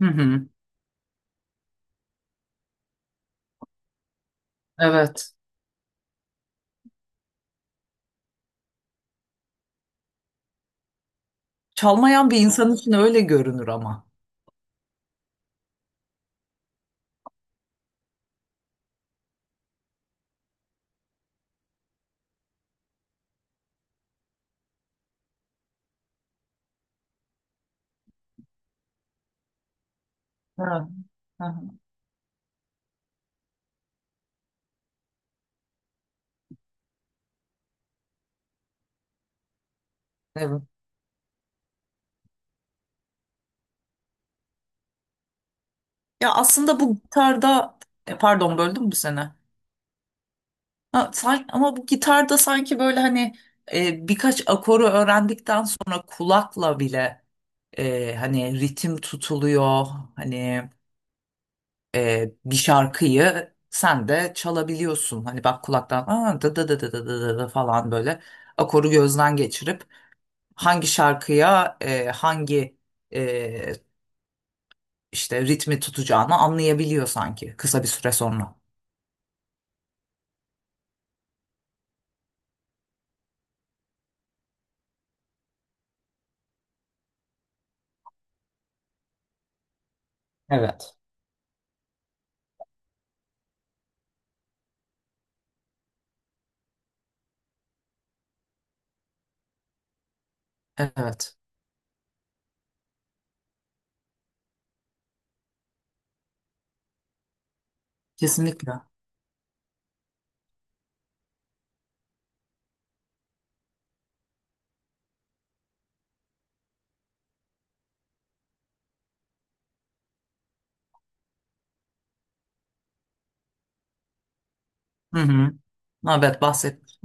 Hı hı. Evet. Çalmayan bir insan için öyle görünür ama. Evet. Hı hı. Evet. Ya aslında bu gitarda pardon böldüm mü seni? Ha, sanki, ama bu gitarda sanki böyle hani birkaç akoru öğrendikten sonra kulakla bile hani ritim tutuluyor. Hani bir şarkıyı sen de çalabiliyorsun. Hani bak kulaktan aa, da da da da da da da da" falan böyle akoru gözden geçirip hangi şarkıya e, işte ritmi tutacağını anlayabiliyor sanki kısa bir süre sonra. Evet. Evet, kesinlikle. Hı hı. Evet, bahset.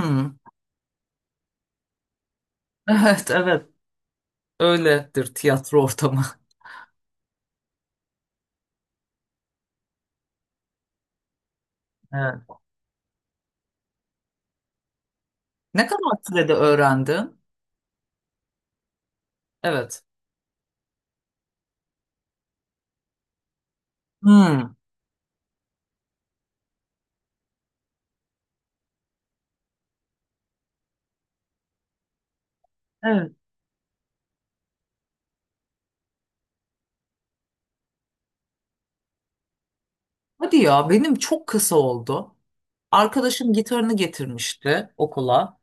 Hı. Evet, evet. Öyledir tiyatro ortamı. Evet. Ne kadar sürede öğrendin? Evet. Hı. Evet. Hadi ya, benim çok kısa oldu. Arkadaşım gitarını getirmişti okula.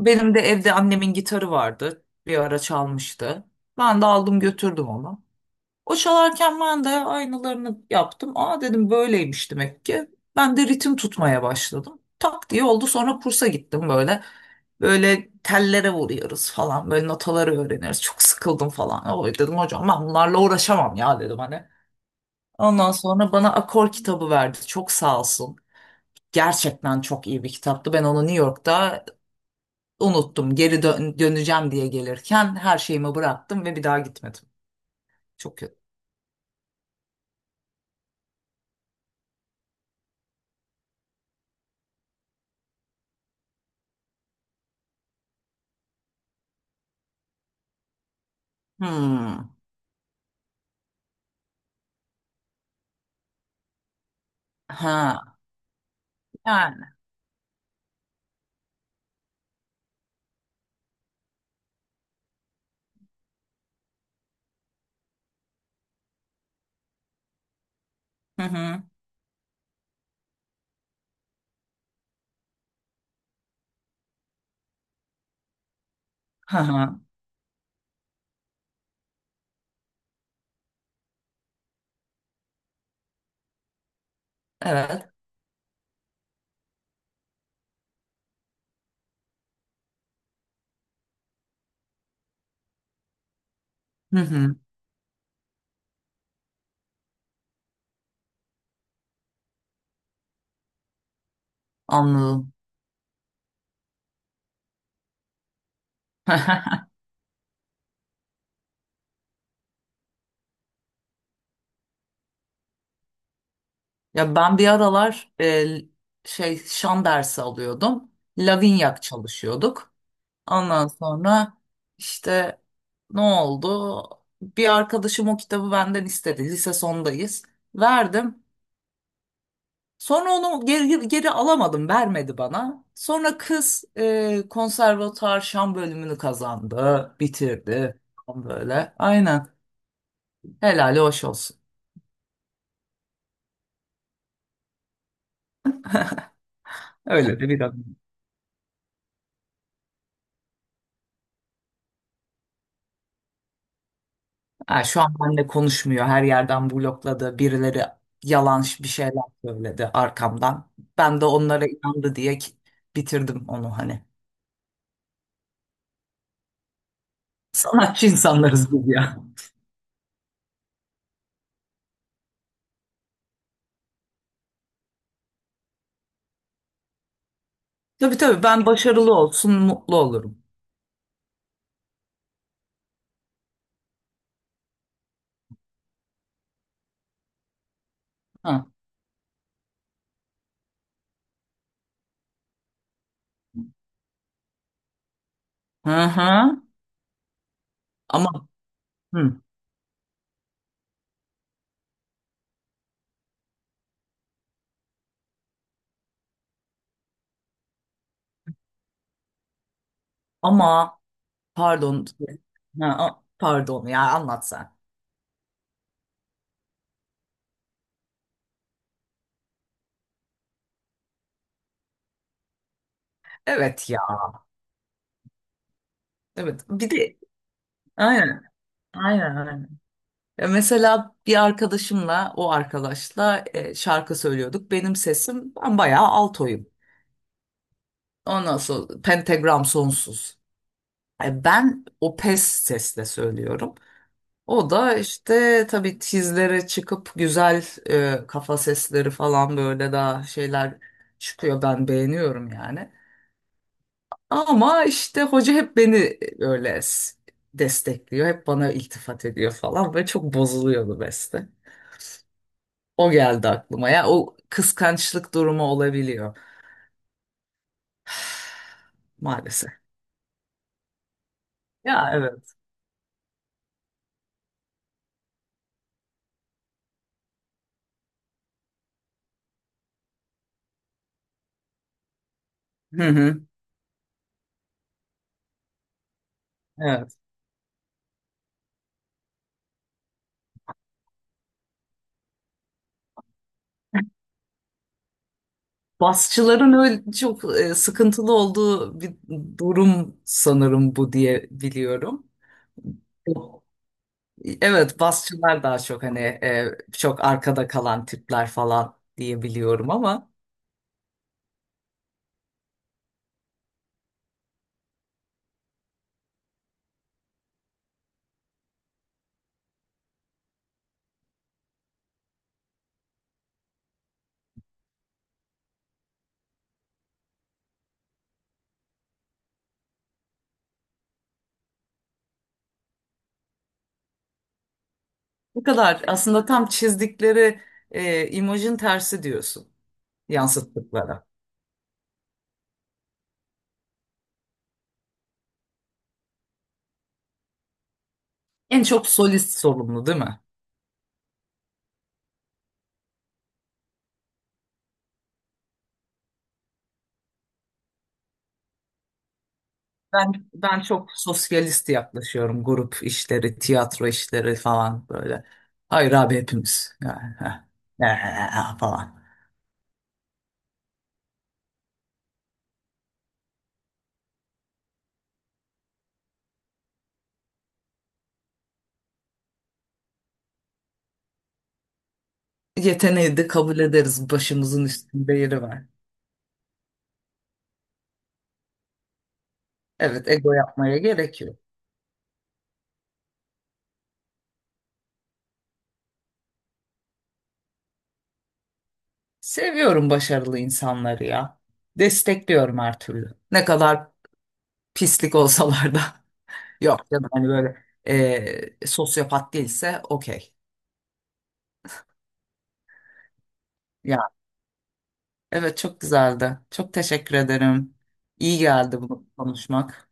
Benim de evde annemin gitarı vardı. Bir ara çalmıştı. Ben de aldım götürdüm onu. O çalarken ben de aynalarını yaptım. Aa dedim böyleymiş demek ki. Ben de ritim tutmaya başladım. Tak diye oldu. Sonra kursa gittim böyle. Böyle tellere vuruyoruz falan. Böyle notaları öğreniyoruz. Çok sıkıldım falan. Oy dedim hocam ben bunlarla uğraşamam ya dedim hani. Ondan sonra bana akor kitabı verdi. Çok sağ olsun. Gerçekten çok iyi bir kitaptı. Ben onu New York'ta unuttum. Döneceğim diye gelirken her şeyimi bıraktım ve bir daha gitmedim. Çok kötü. Hmm. Ha. Yani. Hı hı. Hı hı. Evet. Hı hı. Anladım. Ya ben bir aralar şey şan dersi alıyordum. Lavinyak çalışıyorduk. Ondan sonra işte ne oldu? Bir arkadaşım o kitabı benden istedi. Lise sondayız. Verdim. Sonra onu geri alamadım. Vermedi bana. Sonra kız konservatuar şan bölümünü kazandı. Bitirdi. Böyle. Aynen. Helali hoş olsun. Öyle de biraz. Ha, şu an benimle konuşmuyor. Her yerden blokladı. Birileri yalan bir şeyler söyledi arkamdan. Ben de onlara inandı diye ki- bitirdim onu hani. Sanatçı insanlarız biz ya. Tabii tabii ben başarılı olsun mutlu olurum. Ha. Hı hı. Ama hı. Ama pardon. Ha, pardon ya anlat sen. Evet ya. Evet. Bir de aynen. Aynen. Ya mesela bir arkadaşımla, o arkadaşla şarkı söylüyorduk. Benim sesim, ben bayağı altoyum. Ondan sonra pentagram sonsuz. Ben o pes sesle söylüyorum. O da işte tabii tizlere çıkıp güzel kafa sesleri falan böyle daha şeyler çıkıyor. Ben beğeniyorum yani. Ama işte hoca hep beni öyle destekliyor. Hep bana iltifat ediyor falan ve çok bozuluyordu beste. O geldi aklıma. Ya o kıskançlık durumu olabiliyor. Maalesef. Ya evet. Hı hı. Evet. Basçıların öyle çok sıkıntılı olduğu bir durum sanırım bu diye biliyorum. Evet, basçılar daha çok hani çok arkada kalan tipler falan diye biliyorum ama bu kadar aslında tam çizdikleri imajın tersi diyorsun yansıttıkları. En çok solist sorumlu değil mi? Ben çok sosyalist yaklaşıyorum. Grup işleri, tiyatro işleri falan böyle. Hayır abi hepimiz. Yani, heh, eh, falan. Yeteneği de kabul ederiz. Başımızın üstünde yeri var. Evet, ego yapmaya gerek yok. Seviyorum başarılı insanları ya. Destekliyorum her türlü. Ne kadar pislik olsalar da. Yok canım hani böyle eh, sosyopat değilse okey. Ya evet çok güzeldi. Çok teşekkür ederim. İyi geldi bunu konuşmak.